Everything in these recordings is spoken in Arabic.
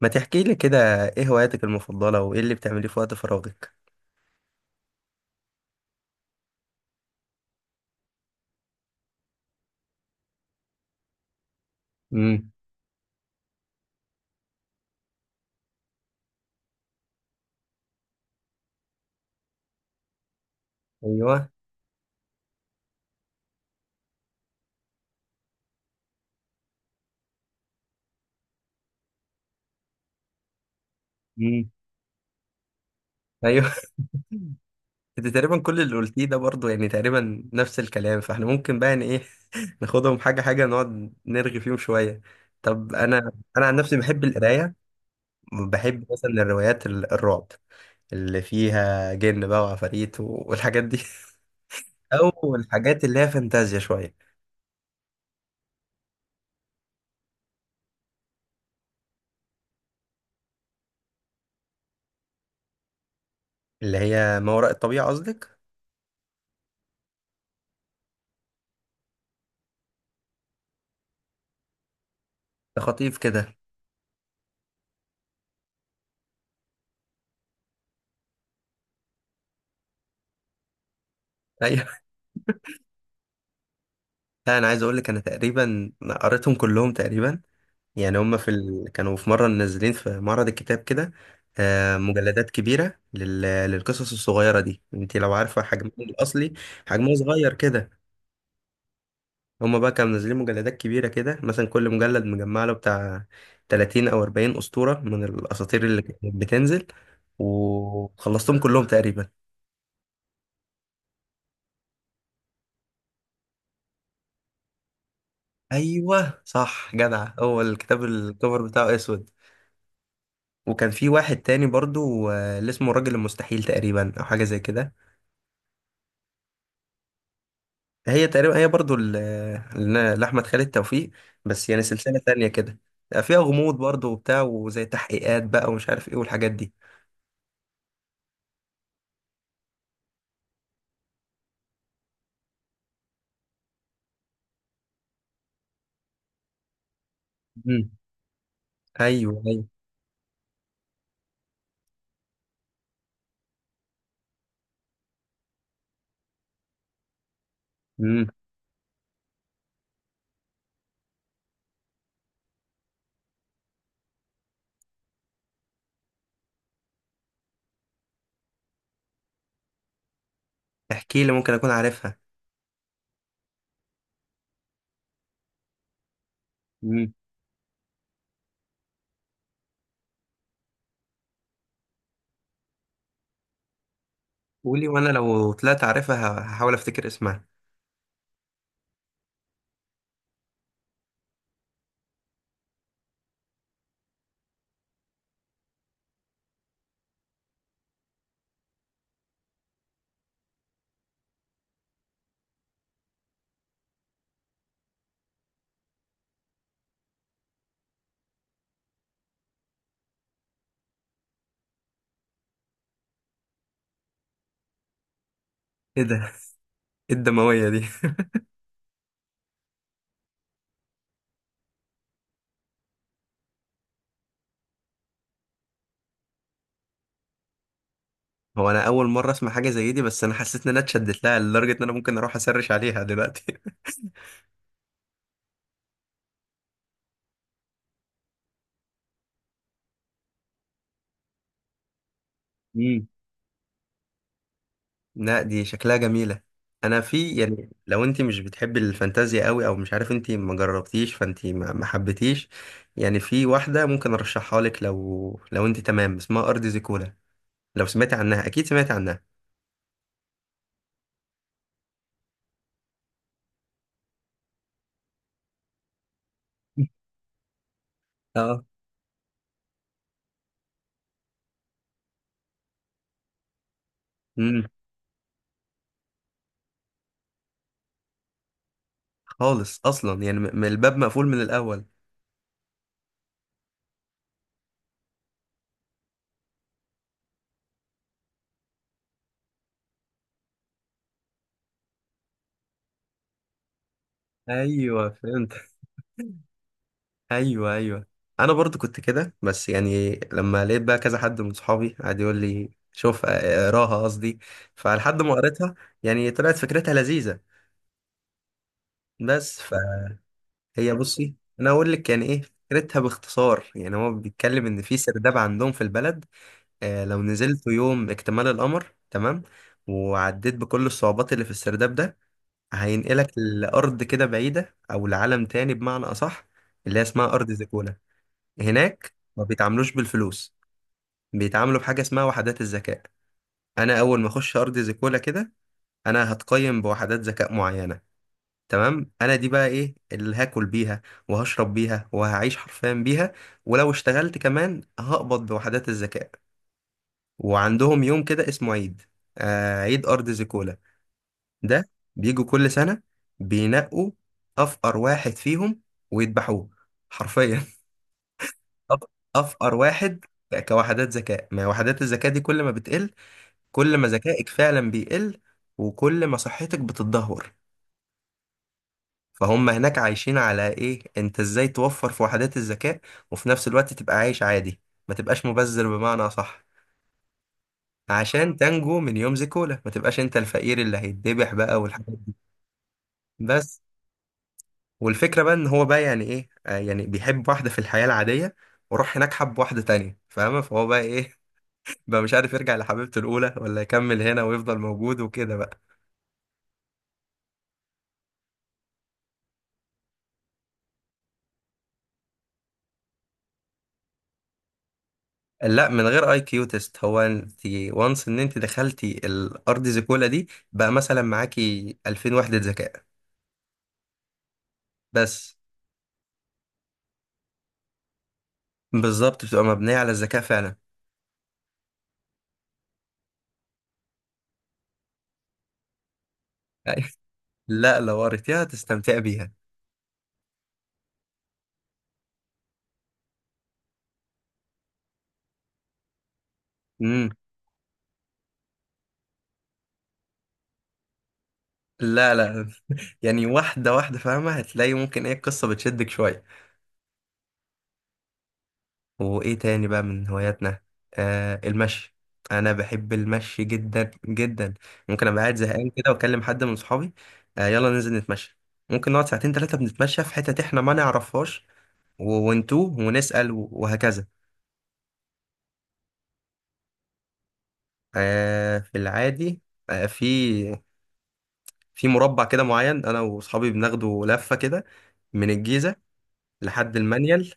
ما تحكي لي كده، ايه هواياتك المفضلة وايه اللي بتعمليه في وقت فراغك؟ امم. ايوه. امم. ايوه. انت تقريبا كل اللي قلتيه ده برضو، يعني تقريبا نفس الكلام، فاحنا ممكن بقى ان ايه ناخدهم حاجة حاجة، نقعد نرغي فيهم شوية. طب انا عن نفسي بحب القراية. بحب مثلا الروايات الرعب اللي فيها جن بقى وعفاريت والحاجات دي. او الحاجات اللي هي فانتازيا شوية. اللي هي ما وراء الطبيعة قصدك؟ ده خطيف كده. أيوه. لا انا عايز اقول لك، انا تقريبا قريتهم كلهم تقريبا. يعني هم كانوا في مره منزلين في معرض الكتاب كده. آه، مجلدات كبيره للقصص الصغيره دي، انت لو عارفه حجمهم الاصلي، حجمه صغير كده. هم بقى كانوا منزلين مجلدات كبيره كده، مثلا كل مجلد مجمع له بتاع 30 او 40 اسطوره من الاساطير اللي كانت بتنزل. وخلصتهم كلهم تقريبا. ايوه صح، جدع، هو الكتاب الكفر بتاعه اسود. وكان في واحد تاني برضو آه، اللي اسمه الراجل المستحيل تقريبا، او حاجه زي كده. هي تقريبا هي برضو لاحمد خالد توفيق. بس يعني سلسله تانية كده. فيها غموض برضو وبتاع، وزي تحقيقات بقى، ومش عارف ايه، والحاجات دي. امم. ايوه، ايوه. امم. احكي لي، ممكن اكون عارفها. امم. قولي وانا لو طلعت عارفها هحاول افتكر اسمها. ايه ده! ايه الدمويه دي! هو انا اول مره اسمع حاجه زي دي، بس انا حسيت ان انا اتشدت لها لدرجه ان انا ممكن اروح اسرش عليها دلوقتي. امم. لا، دي شكلها جميلة. انا في، يعني لو انت مش بتحبي الفانتازيا قوي، او مش عارف انت ما جربتيش فانت ما حبيتيش. يعني في واحدة ممكن ارشحها لك، لو انت تمام، اسمها ارض زيكولا. لو سمعتي عنها اكيد سمعتي عنها. اه. امم. خالص اصلا يعني الباب مقفول من الاول. ايوه فهمت. ايوه، ايوه. انا برضو كنت كده، بس يعني لما لقيت بقى كذا حد من صحابي قعد يقول لي شوف آه، آه، اقراها قصدي. فلحد ما قريتها، يعني طلعت فكرتها لذيذة بس، فهي... بصي انا اقول لك يعني ايه فكرتها باختصار، يعني هو بيتكلم ان في سرداب عندهم في البلد. آه، لو نزلت يوم اكتمال القمر، تمام. وعديت بكل الصعوبات اللي في السرداب ده، هينقلك لارض كده بعيده، او لعالم تاني بمعنى اصح، اللي هي اسمها ارض زيكولا. هناك ما بيتعاملوش بالفلوس، بيتعاملوا بحاجه اسمها وحدات الذكاء. انا اول ما اخش ارض زيكولا كده، انا هتقيم بوحدات ذكاء معينه، تمام. انا دي بقى ايه اللي هاكل بيها وهشرب بيها وهعيش حرفيا بيها. ولو اشتغلت كمان هقبض بوحدات الذكاء. وعندهم يوم كده اسمه عيد، آه، عيد ارض زيكولا ده. بيجوا كل سنة، بينقوا افقر واحد فيهم ويذبحوه حرفيا. أف- افقر واحد. كوحدات ذكاء، ما وحدات الذكاء دي كل ما بتقل، كل ما ذكائك فعلا بيقل، وكل ما صحتك بتتدهور. فهم هناك عايشين على ايه، انت ازاي توفر في وحدات الذكاء، وفي نفس الوقت تبقى عايش عادي، ما تبقاش مبذر بمعنى صح، عشان تنجو من يوم زيكولا ما تبقاش انت الفقير اللي هيتذبح بقى، والحاجات دي. بس، والفكرة بقى ان هو بقى يعني ايه، آه يعني بيحب واحدة في الحياة العادية، وراح هناك حب واحدة تانية فاهمة، فهو بقى ايه. بقى مش عارف يرجع لحبيبته الأولى ولا يكمل هنا ويفضل موجود، وكده بقى. لا، من غير اي كيو تيست هو انت، وانس ان انت دخلتي الارض زيكولا دي بقى، مثلا معاكي 2000 وحدة ذكاء بس. بالظبط، بتبقى مبنية على الذكاء فعلا. لا، لو قريتيها تستمتعي بيها. امم. لا، لا، يعني واحدة واحدة فاهمة، هتلاقي ممكن ايه، القصة بتشدك شوية. وايه تاني بقى من هواياتنا؟ آه، المشي. انا بحب المشي جدا جدا. ممكن ابقى قاعد زهقان كده واكلم حد من صحابي، آه يلا ننزل نتمشى. ممكن نقعد ساعتين ثلاثة بنتمشى في حتة احنا ما نعرفهاش، ونتوه ونسأل، وهكذا. آه في العادي. آه، في في مربع كده معين، انا واصحابي بناخده لفة كده، من الجيزة لحد المنيل.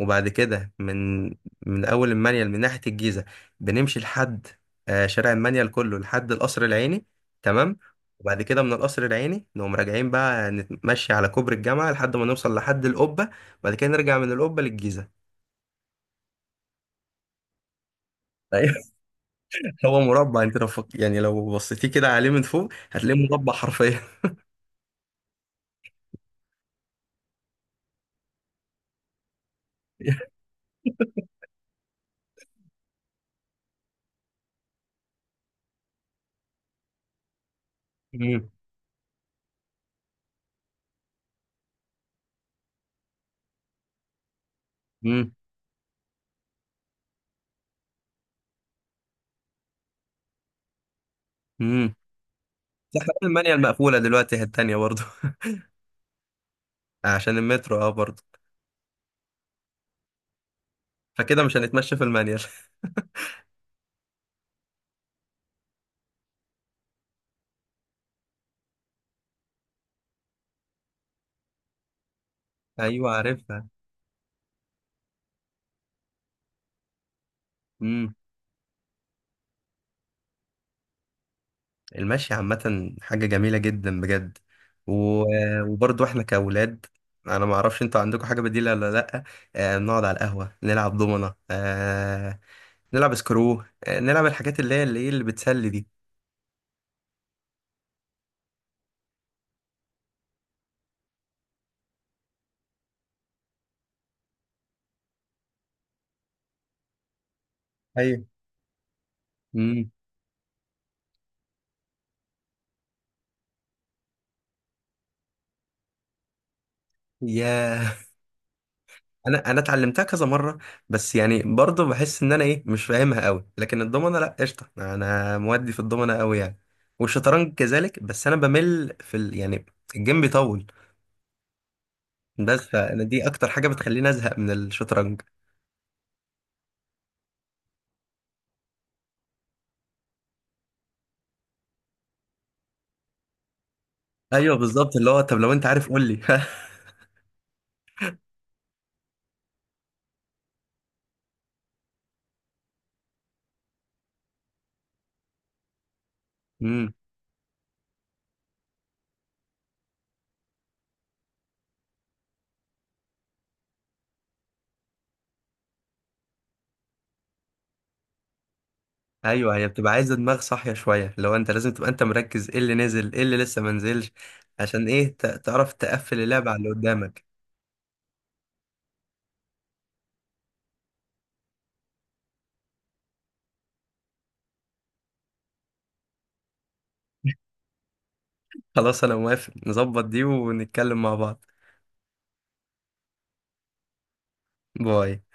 وبعد كده من أول المنيل من ناحية الجيزة، بنمشي لحد آه، شارع المنيل كله لحد القصر العيني، تمام. وبعد كده من القصر العيني نقوم راجعين بقى نتمشي على كوبري الجامعة لحد ما نوصل لحد القبة، وبعد كده نرجع من القبة للجيزة. أيوة. هو مربع، انت لو يعني لو بصيتيه كده عليه من فوق هتلاقيه مربع حرفيا. امم. امم. امم. حتى المانيال مقفولة دلوقتي، هي التانية برضه. عشان المترو، اه برضه. فكده مش هنتمشى في المانيال. ايوه عارفها. مم. المشي عامة حاجة جميلة جدا بجد. و... مم. وبرضو احنا كأولاد، انا ما اعرفش انتوا عندكم حاجة بديلة ولا لأ. آه، نقعد على القهوة نلعب دومنة، آه نلعب سكرو، آه نلعب الحاجات اللي هي إيه، اللي بتسلي دي. ايوه. امم. يا، انا اتعلمتها كذا مرة. بس يعني برضو بحس ان انا ايه، مش فاهمها قوي. لكن الضمنة لأ، قشطة، انا مودي في الضمنة قوي يعني. والشطرنج كذلك. بس انا بمل في يعني الجيم بيطول. بس فانا دي اكتر حاجه بتخليني ازهق من الشطرنج. ايوه بالظبط، اللي هو طب لو انت عارف قول لي. امم. ايوه. هي بتبقى عايزه دماغ صاحيه شويه، لو انت لازم تبقى انت مركز ايه اللي نزل، ايه اللي لسه ما نزلش. عشان ايه تعرف تقفل اللعبه على اللي قدامك. خلاص انا موافق نظبط دي ونتكلم مع بعض. باي.